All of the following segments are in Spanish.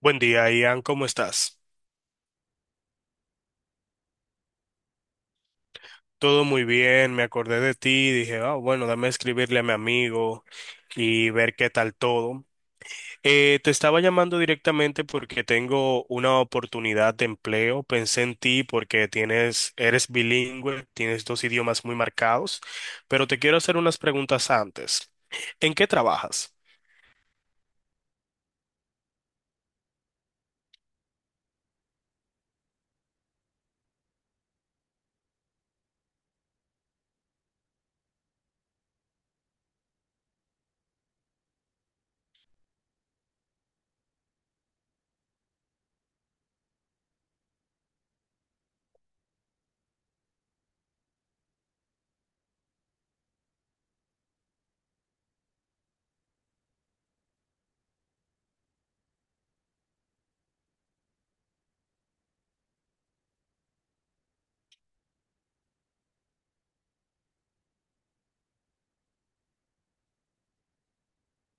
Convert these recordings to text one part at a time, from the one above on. Buen día, Ian, ¿cómo estás? Todo muy bien, me acordé de ti, dije, ah, bueno, dame escribirle a mi amigo y ver qué tal todo. Te estaba llamando directamente porque tengo una oportunidad de empleo. Pensé en ti porque eres bilingüe, tienes dos idiomas muy marcados, pero te quiero hacer unas preguntas antes. ¿En qué trabajas?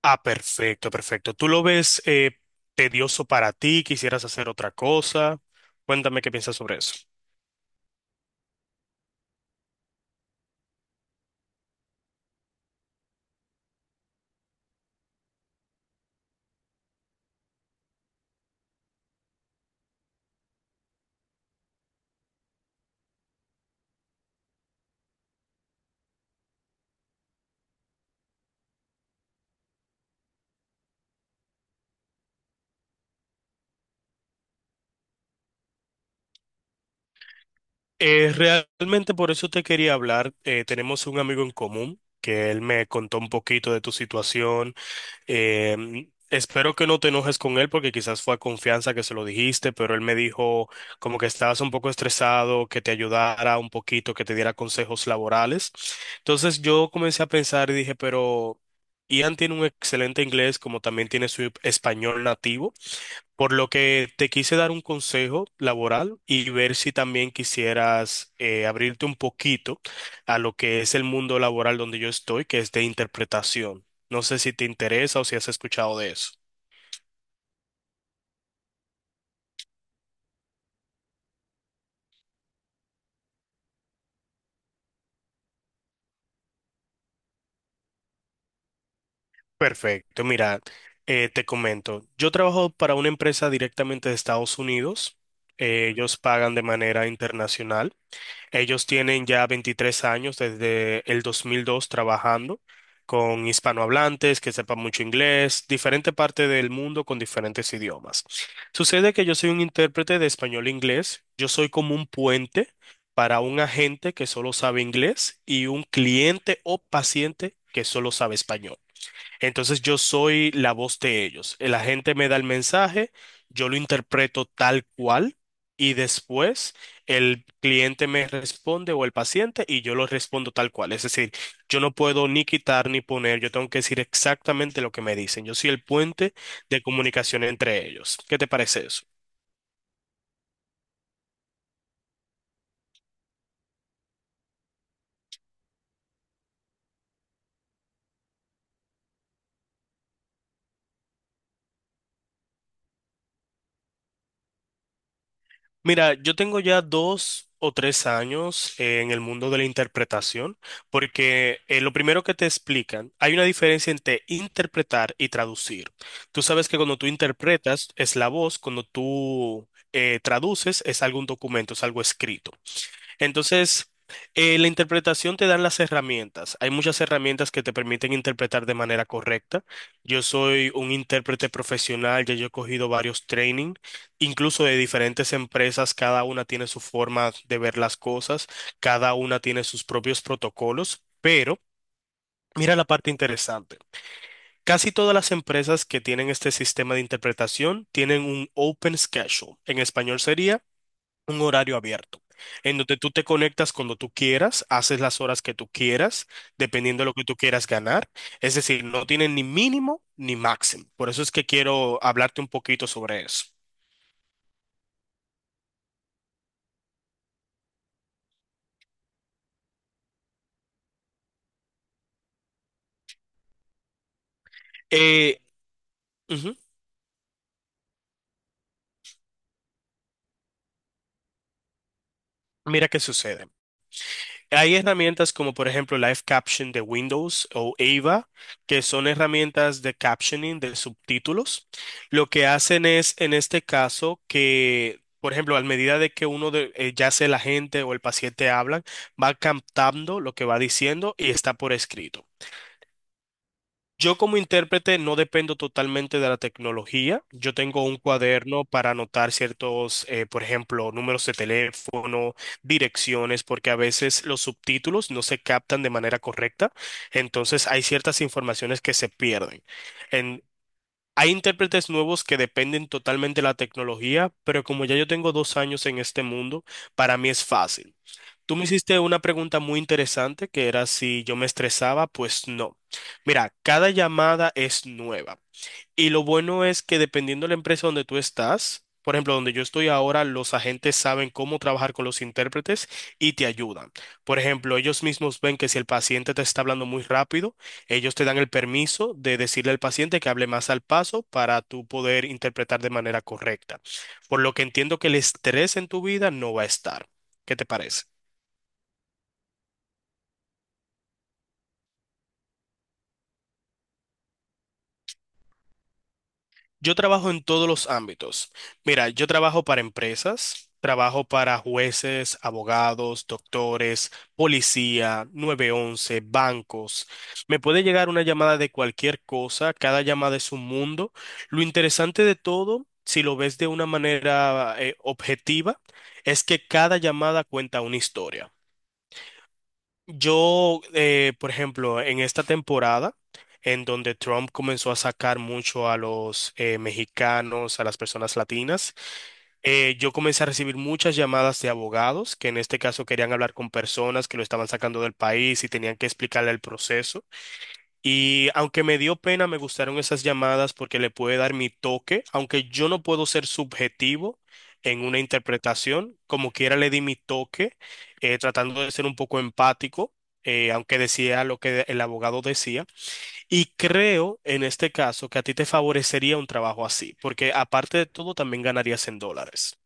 Ah, perfecto, perfecto. ¿Tú lo ves tedioso para ti? ¿Quisieras hacer otra cosa? Cuéntame qué piensas sobre eso. Eh, Realmente por eso te quería hablar. Tenemos un amigo en común que él me contó un poquito de tu situación. Espero que no te enojes con él porque quizás fue a confianza que se lo dijiste, pero él me dijo como que estabas un poco estresado, que te ayudara un poquito, que te diera consejos laborales. Entonces yo comencé a pensar y dije, pero Ian tiene un excelente inglés como también tiene su español nativo. Por lo que te quise dar un consejo laboral y ver si también quisieras abrirte un poquito a lo que es el mundo laboral donde yo estoy, que es de interpretación. No sé si te interesa o si has escuchado de eso. Perfecto, mira, te comento. Yo trabajo para una empresa directamente de Estados Unidos. Ellos pagan de manera internacional. Ellos tienen ya 23 años desde el 2002 trabajando con hispanohablantes que sepan mucho inglés, diferente parte del mundo con diferentes idiomas. Sucede que yo soy un intérprete de español-inglés, yo soy como un puente para un agente que solo sabe inglés y un cliente o paciente que solo sabe español. Entonces yo soy la voz de ellos. El agente me da el mensaje, yo lo interpreto tal cual y después el cliente me responde o el paciente y yo lo respondo tal cual. Es decir, yo no puedo ni quitar ni poner, yo tengo que decir exactamente lo que me dicen. Yo soy el puente de comunicación entre ellos. ¿Qué te parece eso? Mira, yo tengo ya 2 o 3 años en el mundo de la interpretación, porque lo primero que te explican, hay una diferencia entre interpretar y traducir. Tú sabes que cuando tú interpretas es la voz, cuando tú traduces es algún documento, es algo escrito. Entonces, la interpretación te dan las herramientas. Hay muchas herramientas que te permiten interpretar de manera correcta. Yo soy un intérprete profesional, ya yo he cogido varios training, incluso de diferentes empresas, cada una tiene su forma de ver las cosas, cada una tiene sus propios protocolos, pero mira la parte interesante. Casi todas las empresas que tienen este sistema de interpretación tienen un open schedule. En español sería un horario abierto, en donde tú te conectas cuando tú quieras, haces las horas que tú quieras, dependiendo de lo que tú quieras ganar. Es decir, no tienen ni mínimo ni máximo. Por eso es que quiero hablarte un poquito sobre eso. Eh, Ujú. Mira qué sucede. Hay herramientas como por ejemplo Live Caption de Windows o AVA, que son herramientas de captioning de subtítulos. Lo que hacen es, en este caso, que, por ejemplo, a medida de que uno de, ya sea la gente o el paciente hablan, va captando lo que va diciendo y está por escrito. Yo como intérprete no dependo totalmente de la tecnología. Yo tengo un cuaderno para anotar ciertos, por ejemplo, números de teléfono, direcciones, porque a veces los subtítulos no se captan de manera correcta. Entonces hay ciertas informaciones que se pierden. En- Hay intérpretes nuevos que dependen totalmente de la tecnología, pero como ya yo tengo 2 años en este mundo, para mí es fácil. Tú me hiciste una pregunta muy interesante que era si yo me estresaba, pues no. Mira, cada llamada es nueva y lo bueno es que dependiendo de la empresa donde tú estás, por ejemplo, donde yo estoy ahora, los agentes saben cómo trabajar con los intérpretes y te ayudan. Por ejemplo, ellos mismos ven que si el paciente te está hablando muy rápido, ellos te dan el permiso de decirle al paciente que hable más al paso para tú poder interpretar de manera correcta. Por lo que entiendo que el estrés en tu vida no va a estar. ¿Qué te parece? Yo trabajo en todos los ámbitos. Mira, yo trabajo para empresas, trabajo para jueces, abogados, doctores, policía, 911, bancos. Me puede llegar una llamada de cualquier cosa, cada llamada es un mundo. Lo interesante de todo, si lo ves de una manera objetiva, es que cada llamada cuenta una historia. Por ejemplo, en esta temporada, en donde Trump comenzó a sacar mucho a los mexicanos, a las personas latinas, yo comencé a recibir muchas llamadas de abogados que en este caso querían hablar con personas que lo estaban sacando del país y tenían que explicarle el proceso. Y aunque me dio pena, me gustaron esas llamadas porque le puede dar mi toque, aunque yo no puedo ser subjetivo en una interpretación, como quiera le di mi toque, tratando de ser un poco empático, aunque decía lo que el abogado decía. Y creo en este caso que a ti te favorecería un trabajo así, porque aparte de todo también ganarías en dólares.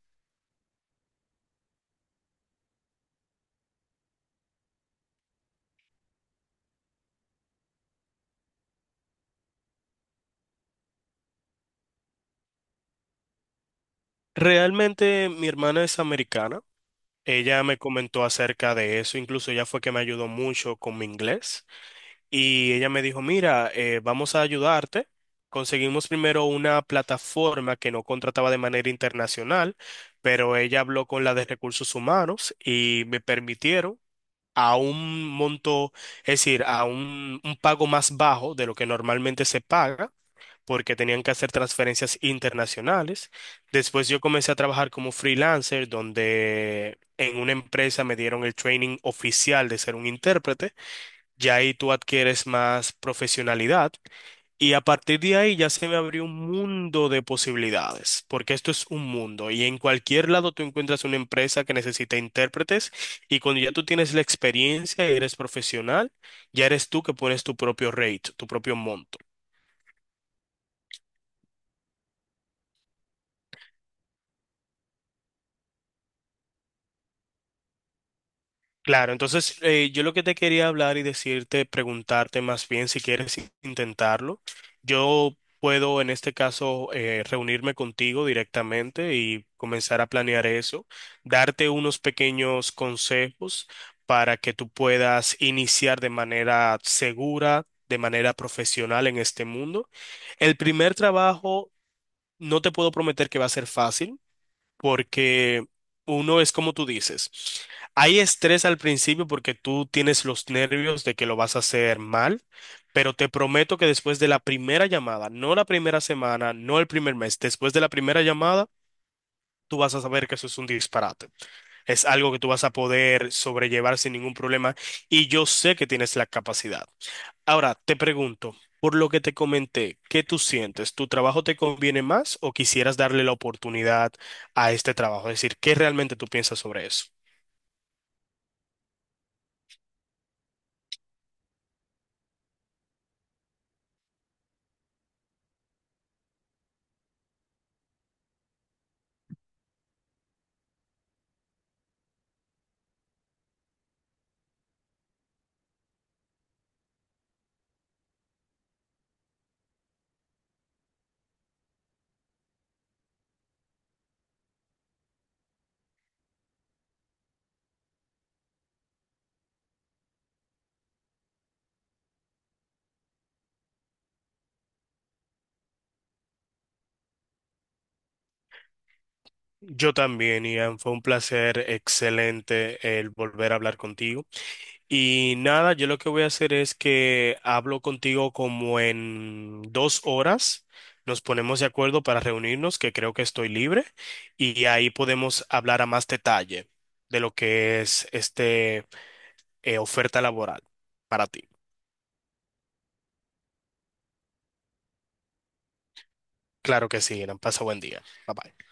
Realmente mi hermana es americana. Ella me comentó acerca de eso, incluso ella fue que me ayudó mucho con mi inglés. Y ella me dijo, mira, vamos a ayudarte. Conseguimos primero una plataforma que no contrataba de manera internacional, pero ella habló con la de recursos humanos y me permitieron a un monto, es decir, a un pago más bajo de lo que normalmente se paga, porque tenían que hacer transferencias internacionales. Después yo comencé a trabajar como freelancer, donde en una empresa me dieron el training oficial de ser un intérprete, ya ahí tú adquieres más profesionalidad y a partir de ahí ya se me abrió un mundo de posibilidades, porque esto es un mundo y en cualquier lado tú encuentras una empresa que necesita intérpretes y cuando ya tú tienes la experiencia y eres profesional, ya eres tú que pones tu propio rate, tu propio monto. Claro, entonces yo lo que te quería hablar y decirte, preguntarte más bien si quieres intentarlo. Yo puedo en este caso reunirme contigo directamente y comenzar a planear eso, darte unos pequeños consejos para que tú puedas iniciar de manera segura, de manera profesional en este mundo. El primer trabajo no te puedo prometer que va a ser fácil porque uno es como tú dices, hay estrés al principio porque tú tienes los nervios de que lo vas a hacer mal, pero te prometo que después de la primera llamada, no la primera semana, no el primer mes, después de la primera llamada, tú vas a saber que eso es un disparate. Es algo que tú vas a poder sobrellevar sin ningún problema y yo sé que tienes la capacidad. Ahora te pregunto, por lo que te comenté, ¿qué tú sientes? ¿Tu trabajo te conviene más o quisieras darle la oportunidad a este trabajo? Es decir, ¿qué realmente tú piensas sobre eso? Yo también, Ian, fue un placer excelente el volver a hablar contigo. Y nada, yo lo que voy a hacer es que hablo contigo como en 2 horas. Nos ponemos de acuerdo para reunirnos, que creo que estoy libre, y ahí podemos hablar a más detalle de lo que es este oferta laboral para ti. Claro que sí, Irán. Pasa buen día. Bye bye.